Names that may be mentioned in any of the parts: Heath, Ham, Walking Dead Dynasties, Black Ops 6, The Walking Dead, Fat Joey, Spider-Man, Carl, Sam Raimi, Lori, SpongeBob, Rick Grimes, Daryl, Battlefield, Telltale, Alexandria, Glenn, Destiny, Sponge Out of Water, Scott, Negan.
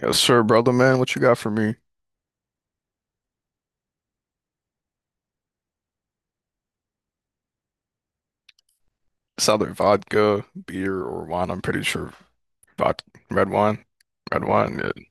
Yes, sir, brother man. What you got for me? It's either vodka, beer, or wine. I'm pretty sure vodka, red wine. Red wine, yeah.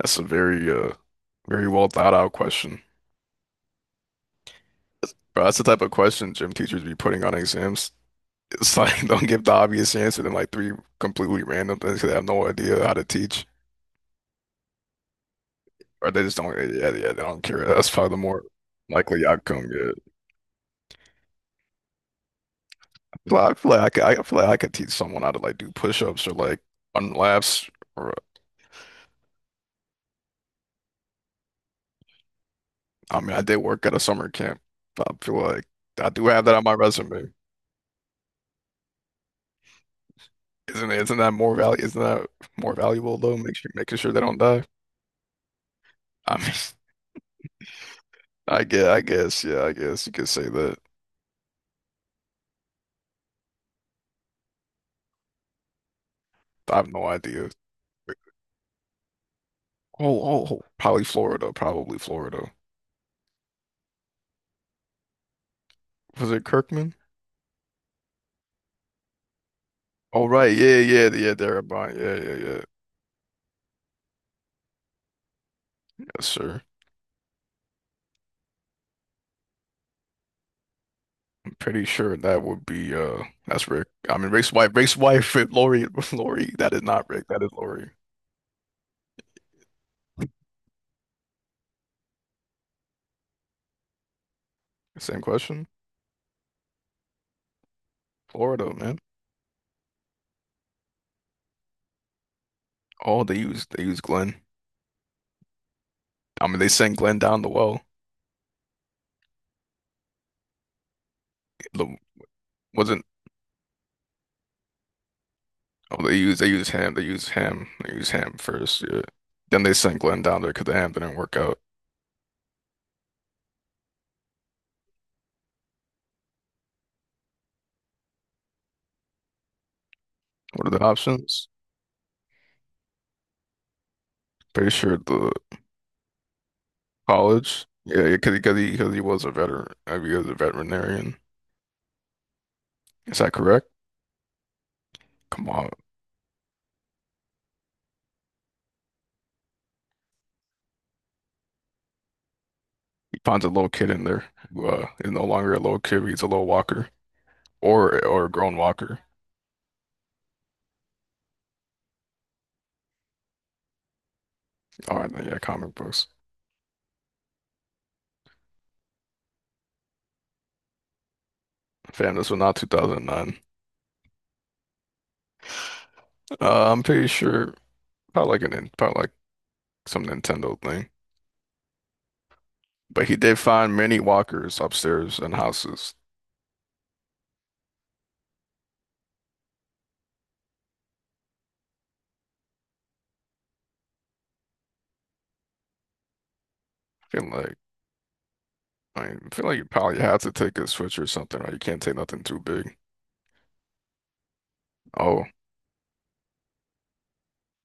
That's a very very well thought out question. But that's the type of question gym teachers be putting on exams. It's like don't give the obvious answer then like three completely random things 'cause they have no idea how to teach. Or they just don't yeah, yeah, yeah, they don't care. That's probably the more likely outcome, yeah. Well, I feel like I could teach someone how to like do push-ups or like run laps or I mean, I did work at a summer camp. I feel like I do have that on my resume. Isn't that more value? Isn't that more valuable though? Make sure Making sure they don't die. I mean, yeah, I guess you could say that. I have no idea. Oh, probably Florida, Was it Kirkman? Oh, right, yeah, yeah, yeah, there about, yeah, yeah, yeah, yes, sir. I'm pretty sure that would be that's Rick. I mean, Rick's wife, Lori, Lori. That is not Rick. That is Lori. Same question. Florida, man. Oh, they used Glenn. I mean, they sent Glenn down the well. The- wasn't Oh, they used Ham. They used Ham. They used Ham first. Yeah. Then they sent Glenn down there because the Ham didn't work out. What are the options? Pretty sure the college. Yeah, because he was a veteran. I mean, he was a veterinarian. Is that correct? Come on. He finds a little kid in there who is no longer a little kid, but he's a little walker or a grown walker. All right, then, yeah, comic books. Fam, this was not 2009. I'm pretty sure. Probably like some Nintendo thing. But he did find many walkers upstairs in houses. I feel like I mean, I feel like you probably have to take a Switch or something, right? You can't take nothing too big. Oh,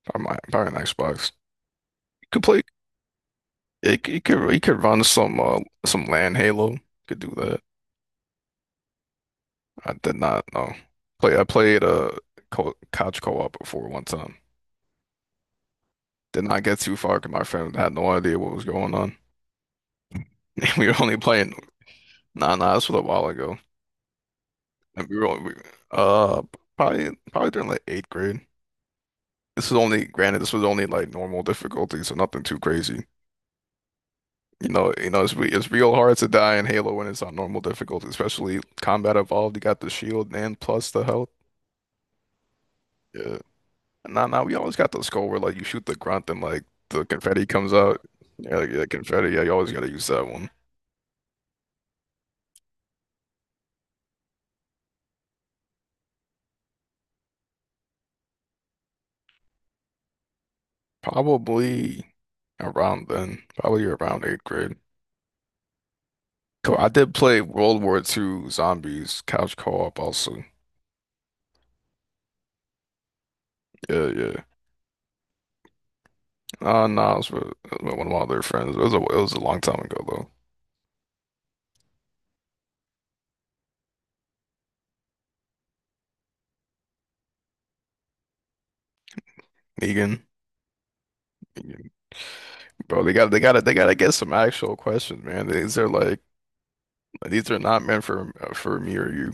probably, probably an Xbox. You could play. It could run some LAN Halo. Could do that. I did not know. Play I played co couch co-op before one time. Did not get too far because my friend had no idea what was going on. We were only playing. Nah, nah, this was a while ago. And we were all- we- uh probably probably during like eighth grade. This was only granted this was only like normal difficulty, so nothing too crazy. You know it's real hard to die in Halo when it's on normal difficulty, especially combat evolved. You got the shield and plus the health. Yeah. Nah, nah, we always got the skull where like you shoot the grunt and like the confetti comes out. Yeah, like, yeah, confetti. Yeah, you always gotta use that one. Probably around then, probably around eighth grade. Cool. I did play World War Two Zombies couch co-op also. Yeah, yeah. No, it was with one of my other friends. It was a long time ago though. Negan, Negan. Bro, they got to get some actual questions, man. These are like these are not meant for me or you.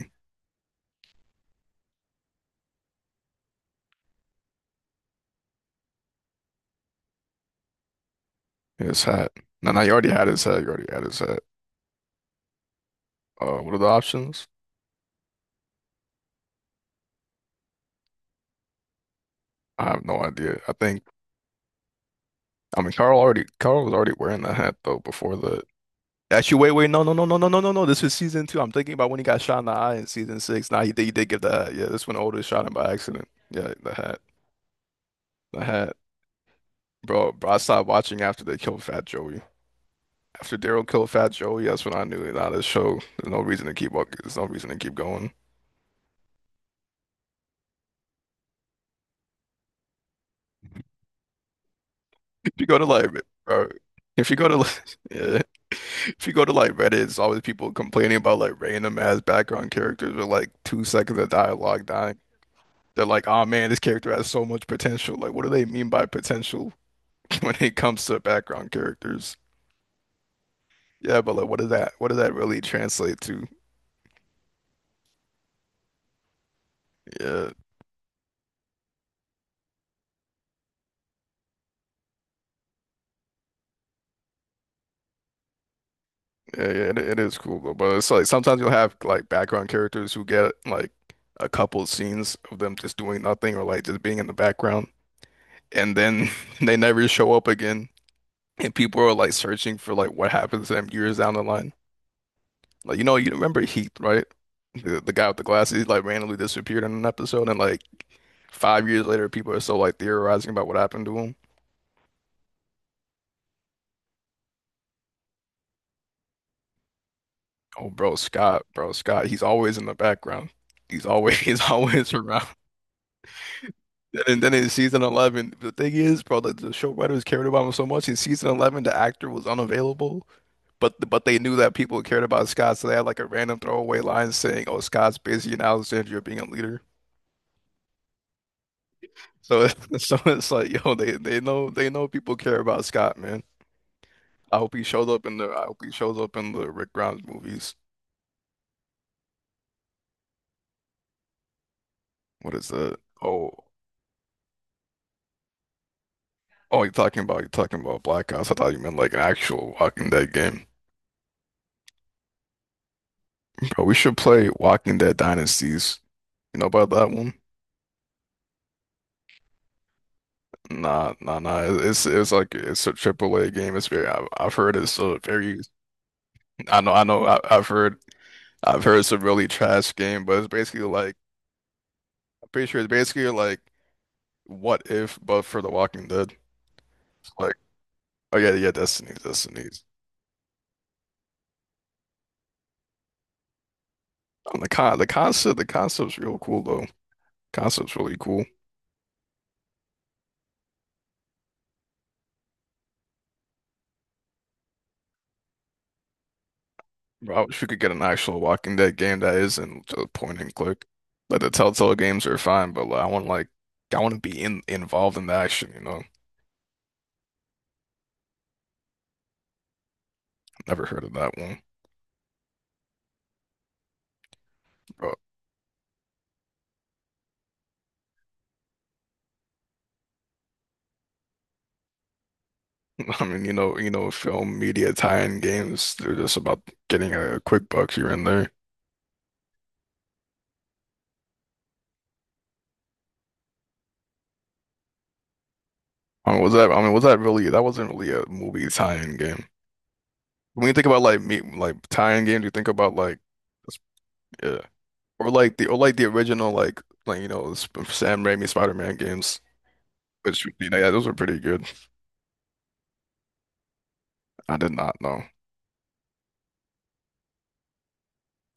His hat. No, no, you already had his hat. You already had his hat. What are the options? I have no idea. I think I mean Carl was already wearing the hat though before the. Actually, wait, wait, no, no, no, no, no, no, no, no. This is season two. I'm thinking about when he got shot in the eye in season six. Nah, he did give the hat. Yeah, this one Oda shot him by accident. Yeah, the hat. I had, bro, I stopped watching after they killed Fat Joey. After Daryl killed Fat Joey, that's when I knew, nah, this show, there's no reason to keep walking. There's no reason to keep going. If you go to like, bro, if you go to like, yeah, if you go to like Reddit, it's always people complaining about like random ass background characters with like 2 seconds of dialogue dying. They're like, oh man, this character has so much potential. Like, what do they mean by potential when it comes to background characters? Yeah, but like, what does that really translate to? Yeah. Yeah, yeah, it is cool though. But it's like sometimes you'll have like background characters who get like a couple scenes of them just doing nothing or like just being in the background, and then they never show up again. And people are like searching for like what happens to them years down the line. Like you know, you remember Heath, right? The guy with the glasses he, like randomly disappeared in an episode, and like 5 years later, people are still like theorizing about what happened to him. Oh, bro, Scott, he's always in the background. He's always he's always around. And then in season 11, the thing is, bro, like the show writers cared about him so much. In season 11, the actor was unavailable, but they knew that people cared about Scott, so they had like a random throwaway line saying, "Oh, Scott's busy in Alexandria being a leader." So so it's like, yo, they know people care about Scott, man. I hope he shows up in the I hope he shows up in the Rick Grimes movies. What is that? Oh, you're talking about Black Ops. I thought you meant like an actual Walking Dead game, bro. We should play Walking Dead Dynasties. You know about that one? Nah, nah, nah. It's like it's a triple A game. It's very. I've heard it's a very. I know. I know. I've heard. I've heard it's a really trash game, but it's basically like. I'm pretty sure it's basically like what if, but for The Walking Dead. It's like, oh yeah, yeah, Destiny, Destiny. The concept, the concept's real cool though. Concept's really cool. Bro, I wish we could get an actual Walking Dead game that isn't just point and click. Like the Telltale games are fine, but like, I want to be in involved in the action. You know, never heard of that one. I mean, you know, film media tie-in games, they're just about getting a quick buck here and there. I mean, was that really, that wasn't really a movie tie-in game. When you think about like me, like tie-in games, you think about like, s- yeah, or like the original, like, you know, Sam Raimi Spider-Man games, which, you know, yeah, those were pretty good. I did not know.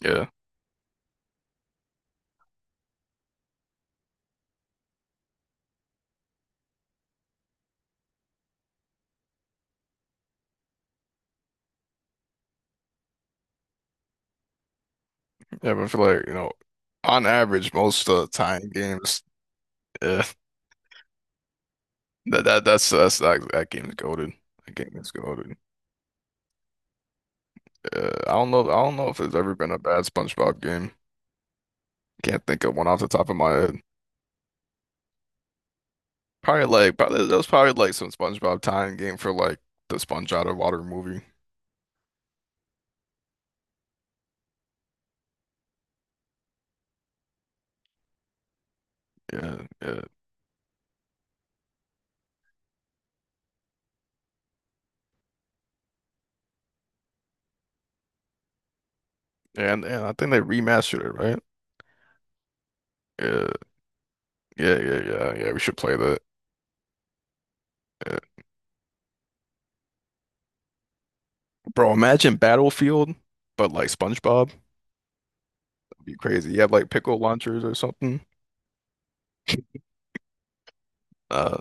Yeah. Yeah. But I feel like, you know, on average, most tie-in games, yeah, that game's goated. That game is goated. I don't know. I don't know if there's ever been a bad SpongeBob game. Can't think of one off the top of my head. Probably that was probably like some SpongeBob tie-in game for like the Sponge Out of Water movie. Yeah, yeah, and I think they remastered it, right? Yeah, yeah, yeah, yeah, yeah. We should play that. Yeah. Bro, imagine Battlefield, but like SpongeBob. That'd be crazy. You have like pickle launchers or something. Uh,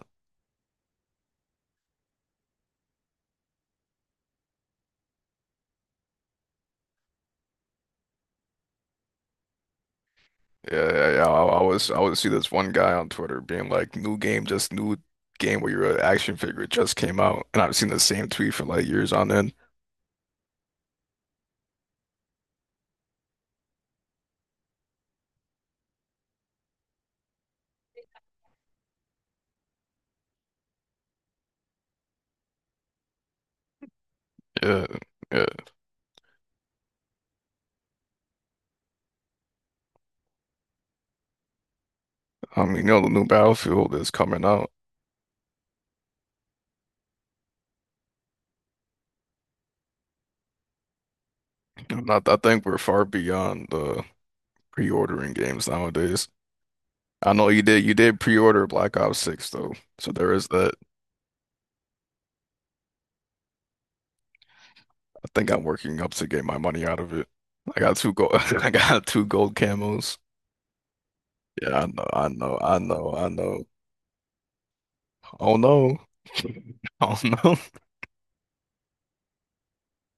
Yeah, yeah, yeah. I always see this one guy on Twitter being like, "New game, just new game where you're an action figure it just came out," and I've seen the same tweet for like years on end. Yeah, yeah. I mean, you know, the new Battlefield is coming out. I'm not, I think we're far beyond the pre-ordering games nowadays. I know you did pre-order Black Ops 6 though, so there is that. I think I'm working up to get my money out of it. I got two gold, I got two gold camos. Yeah, I know, I know, I know, I know. Oh no. Oh no.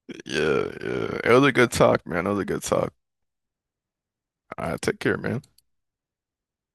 Yeah, yeah. It was a good talk, man. It was a good talk. All right, take care, man.